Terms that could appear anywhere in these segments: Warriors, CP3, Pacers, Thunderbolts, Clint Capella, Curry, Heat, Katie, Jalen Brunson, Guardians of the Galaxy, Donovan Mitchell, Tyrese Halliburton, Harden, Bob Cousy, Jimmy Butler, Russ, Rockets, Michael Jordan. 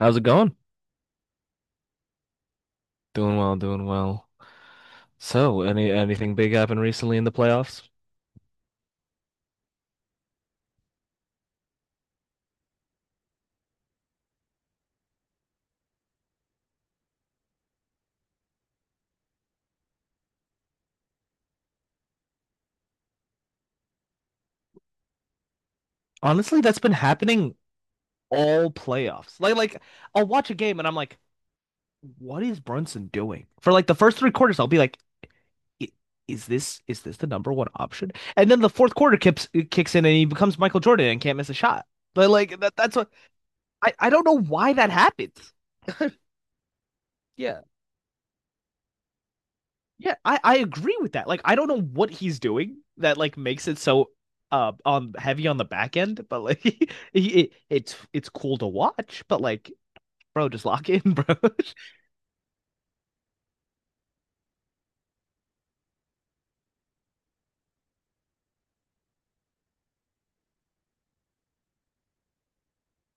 How's it going? Doing well, doing well. So, anything big happened recently in the playoffs? Honestly, that's been happening all playoffs. Like I'll watch a game and I'm like, what is Brunson doing? For like the first 3 quarters, I'll be like, "I- is this the number one option?" And then the fourth quarter kicks in and he becomes Michael Jordan and can't miss a shot. But like that's what I don't know why that happens. Yeah, I agree with that. Like, I don't know what he's doing that like makes it so on heavy on the back end, but like he, it, it's cool to watch. But like, bro, just lock in, bro.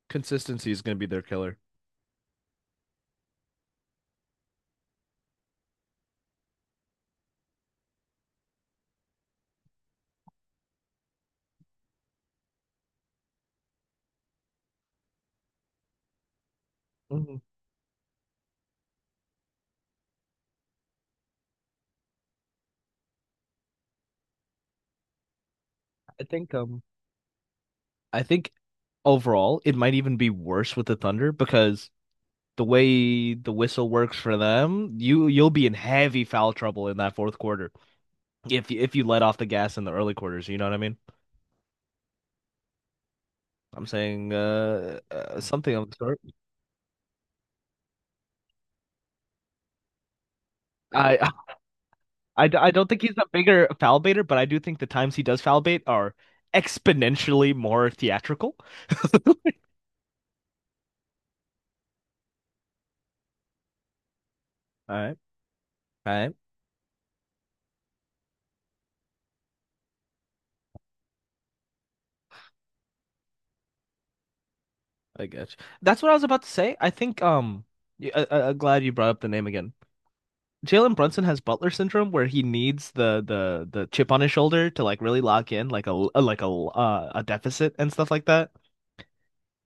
Consistency is going to be their killer. Mhm. I think um I think overall it might even be worse with the Thunder because the way the whistle works for them, you'll be in heavy foul trouble in that fourth quarter if you let off the gas in the early quarters. You know what I mean? I'm saying something of the sort. I, I don't think he's a bigger foul baiter, but I do think the times he does foul bait are exponentially more theatrical. All right, all right, I guess that's what I was about to say. I think I am glad you brought up the name again. Jalen Brunson has Butler syndrome, where he needs the chip on his shoulder to like really lock in, like a like a deficit and stuff like that.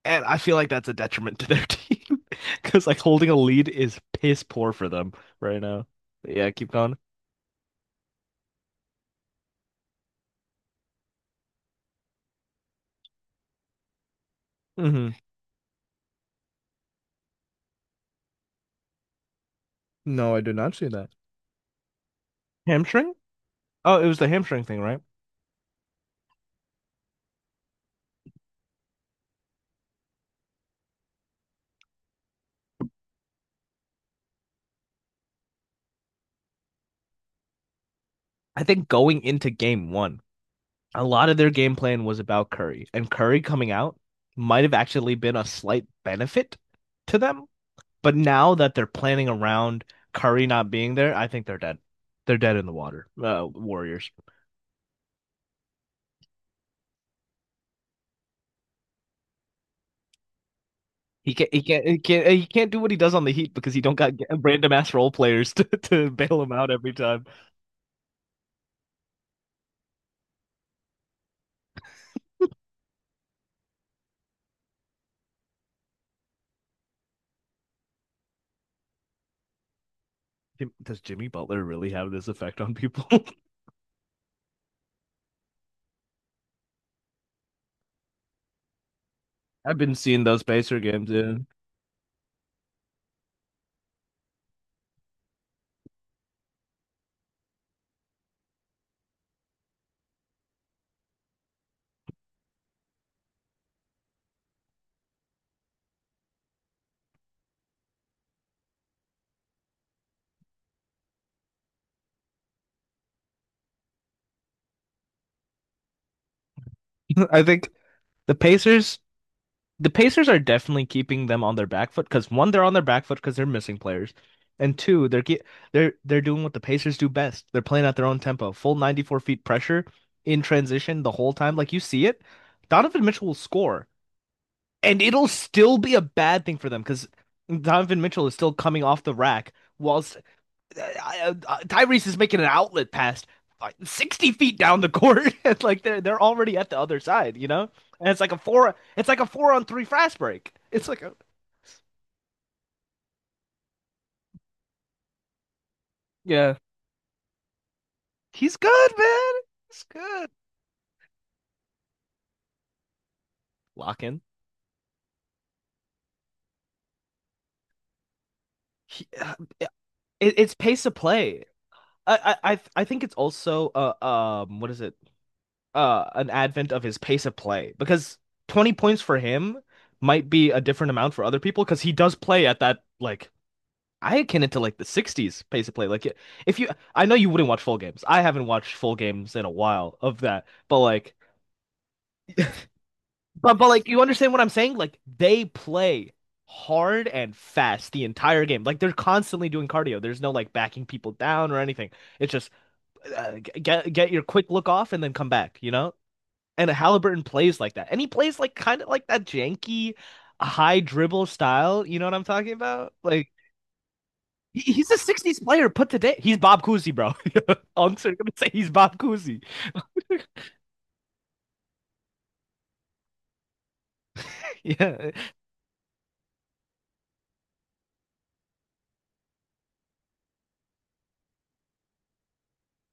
And I feel like that's a detriment to their team because like holding a lead is piss poor for them right now. Yeah, keep going. Hmm. No, I did not see that. Hamstring? Oh, it was the hamstring thing, right? I think going into game one, a lot of their game plan was about Curry, and Curry coming out might have actually been a slight benefit to them. But now that they're planning around Curry not being there, I think they're dead. They're dead in the water. Warriors. He can't. He can't. He can't. He can't do what he does on the Heat because he don't got random ass role players to, to bail him out every time. Does Jimmy Butler really have this effect on people? I've been seeing those Pacer games, dude. I think the Pacers, the Pacers, are definitely keeping them on their back foot because one, they're on their back foot because they're missing players, and two, they're they're doing what the Pacers do best. They're playing at their own tempo, full 94 feet pressure in transition the whole time. Like you see it, Donovan Mitchell will score. And it'll still be a bad thing for them because Donovan Mitchell is still coming off the rack, whilst Tyrese is making an outlet pass like, 60 feet down the court. It's like they're already at the other side, you know? And it's like a four on three fast break. It's like a. Yeah. He's good, man. He's good. Lock in. He, uh, it, it's pace of play. I think it's also what is it? An advent of his pace of play because 20 points for him might be a different amount for other people because he does play at that like, I akin it to like the 60s pace of play, like if you I know you wouldn't watch full games, I haven't watched full games in a while of that, but like, but like, you understand what I'm saying, like they play hard and fast the entire game, like they're constantly doing cardio, there's no like backing people down or anything, it's just get your quick look off and then come back. And Halliburton plays like that. And he plays like kind of like that janky high dribble style. You know what I'm talking about? Like he's a 60s player put today. He's Bob Cousy, bro. Unks are gonna say he's Bob Cousy. Yeah.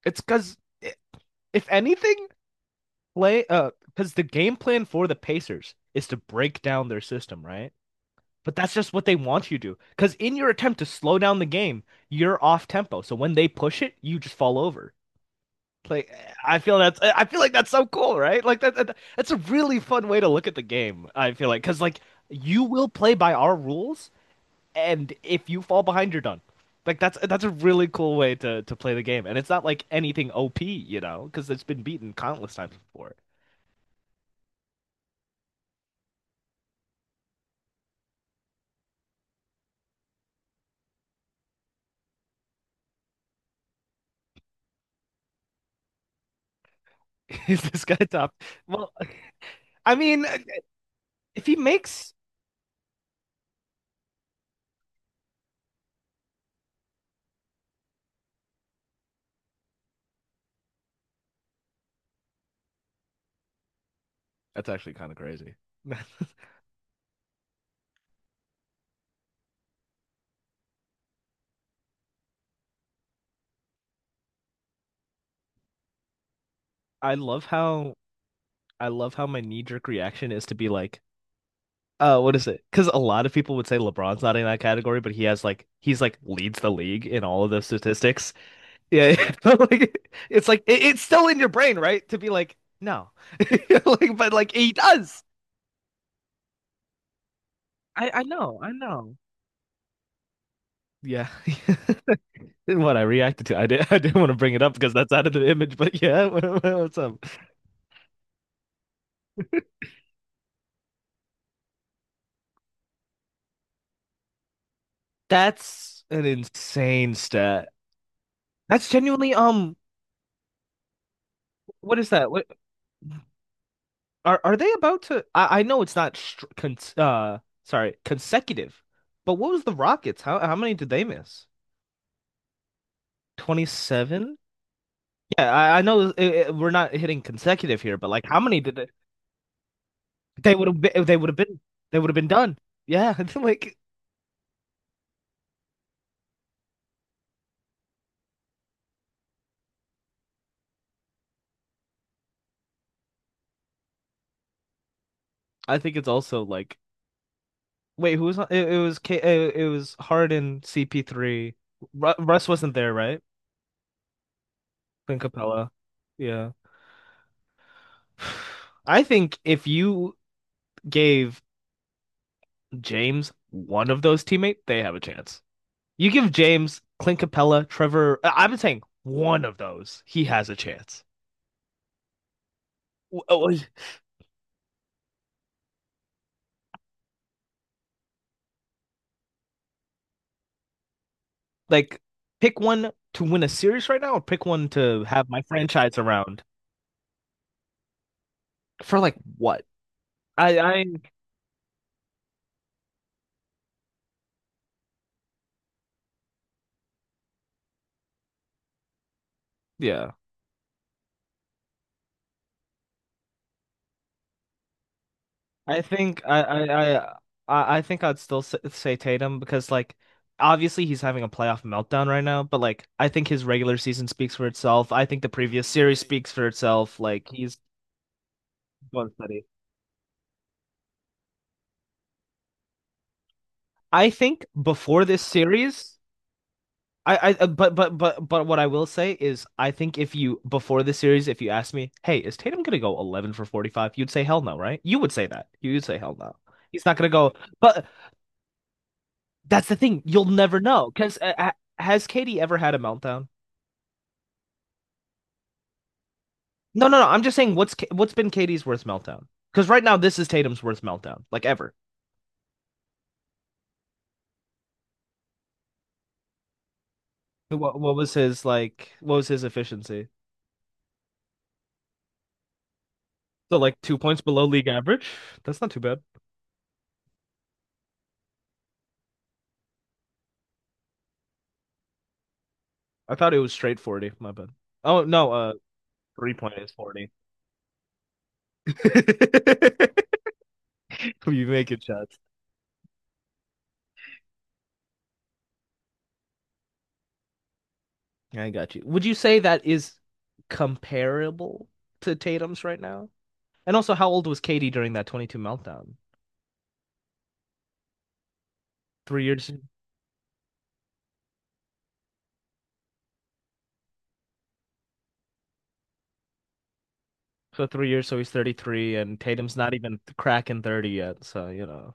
It's because if anything, play because the game plan for the Pacers is to break down their system, right? But that's just what they want you to do. Because in your attempt to slow down the game, you're off tempo. So when they push it, you just fall over. Like I feel like that's so cool, right? Like that's a really fun way to look at the game. I feel like because like you will play by our rules, and if you fall behind, you're done. Like that's a really cool way to play the game, and it's not like anything OP, because it's been beaten countless times before. Is this guy top? Well, I mean, if he makes that's actually kind of crazy. I love how I love how my knee-jerk reaction is to be like, what is it? Because a lot of people would say LeBron's not in that category, but he has like he's like leads the league in all of the statistics. Yeah, like it's like it's still in your brain, right? To be like no, like but like he does. I know, I know. Yeah, what I reacted to, I did I didn't want to bring it up because that's out of the image, but yeah, what's up? That's an insane stat. That's genuinely what is that? What, are they about to? I know it's not str con sorry, consecutive, but what was the Rockets? How many did they miss? 27? Yeah, I know we're not hitting consecutive here, but like, how many did they would have been they would have been they would have been done. Yeah, I think it's also like, wait, it was Harden, CP3. Ru Russ wasn't there, right? Clint Capella. Yeah. I think if you gave James one of those teammates, they have a chance. You give James, Clint Capella, Trevor, I've been saying one of those, he has a chance. Oh, like, pick one to win a series right now, or pick one to have my franchise around for like what? I, I, yeah, I think I, I, I, I think I'd still say Tatum because like obviously he's having a playoff meltdown right now, but like I think his regular season speaks for itself. I think the previous series speaks for itself. Like he's one steady. I think before this series, I but what I will say is, I think if you before this series, if you asked me, hey, is Tatum gonna go 11 for 45? You'd say hell no, right? You would say that. You would say hell no. He's not gonna go. But that's the thing. You'll never know because has Katie ever had a meltdown? No, no, no. I'm just saying what's been Katie's worst meltdown? Because right now this is Tatum's worst meltdown, like ever. What was his like? What was his efficiency? So like 2 points below league average. That's not too bad. I thought it was straight 40. My bad. Oh, no, 3-point is 40. You make it shots. I got you. Would you say that is comparable to Tatum's right now? And also, how old was Katie during that 22 meltdown? 3 years. So 3 years, so he's 33, and Tatum's not even cracking 30 yet. So.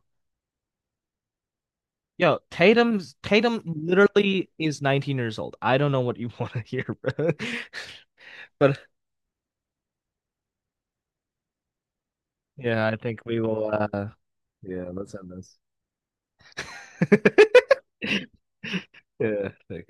Yo, Tatum literally is 19 years old. I don't know what you want to hear, bro. But yeah, I think we will, yeah, let's end this. Yeah, okay.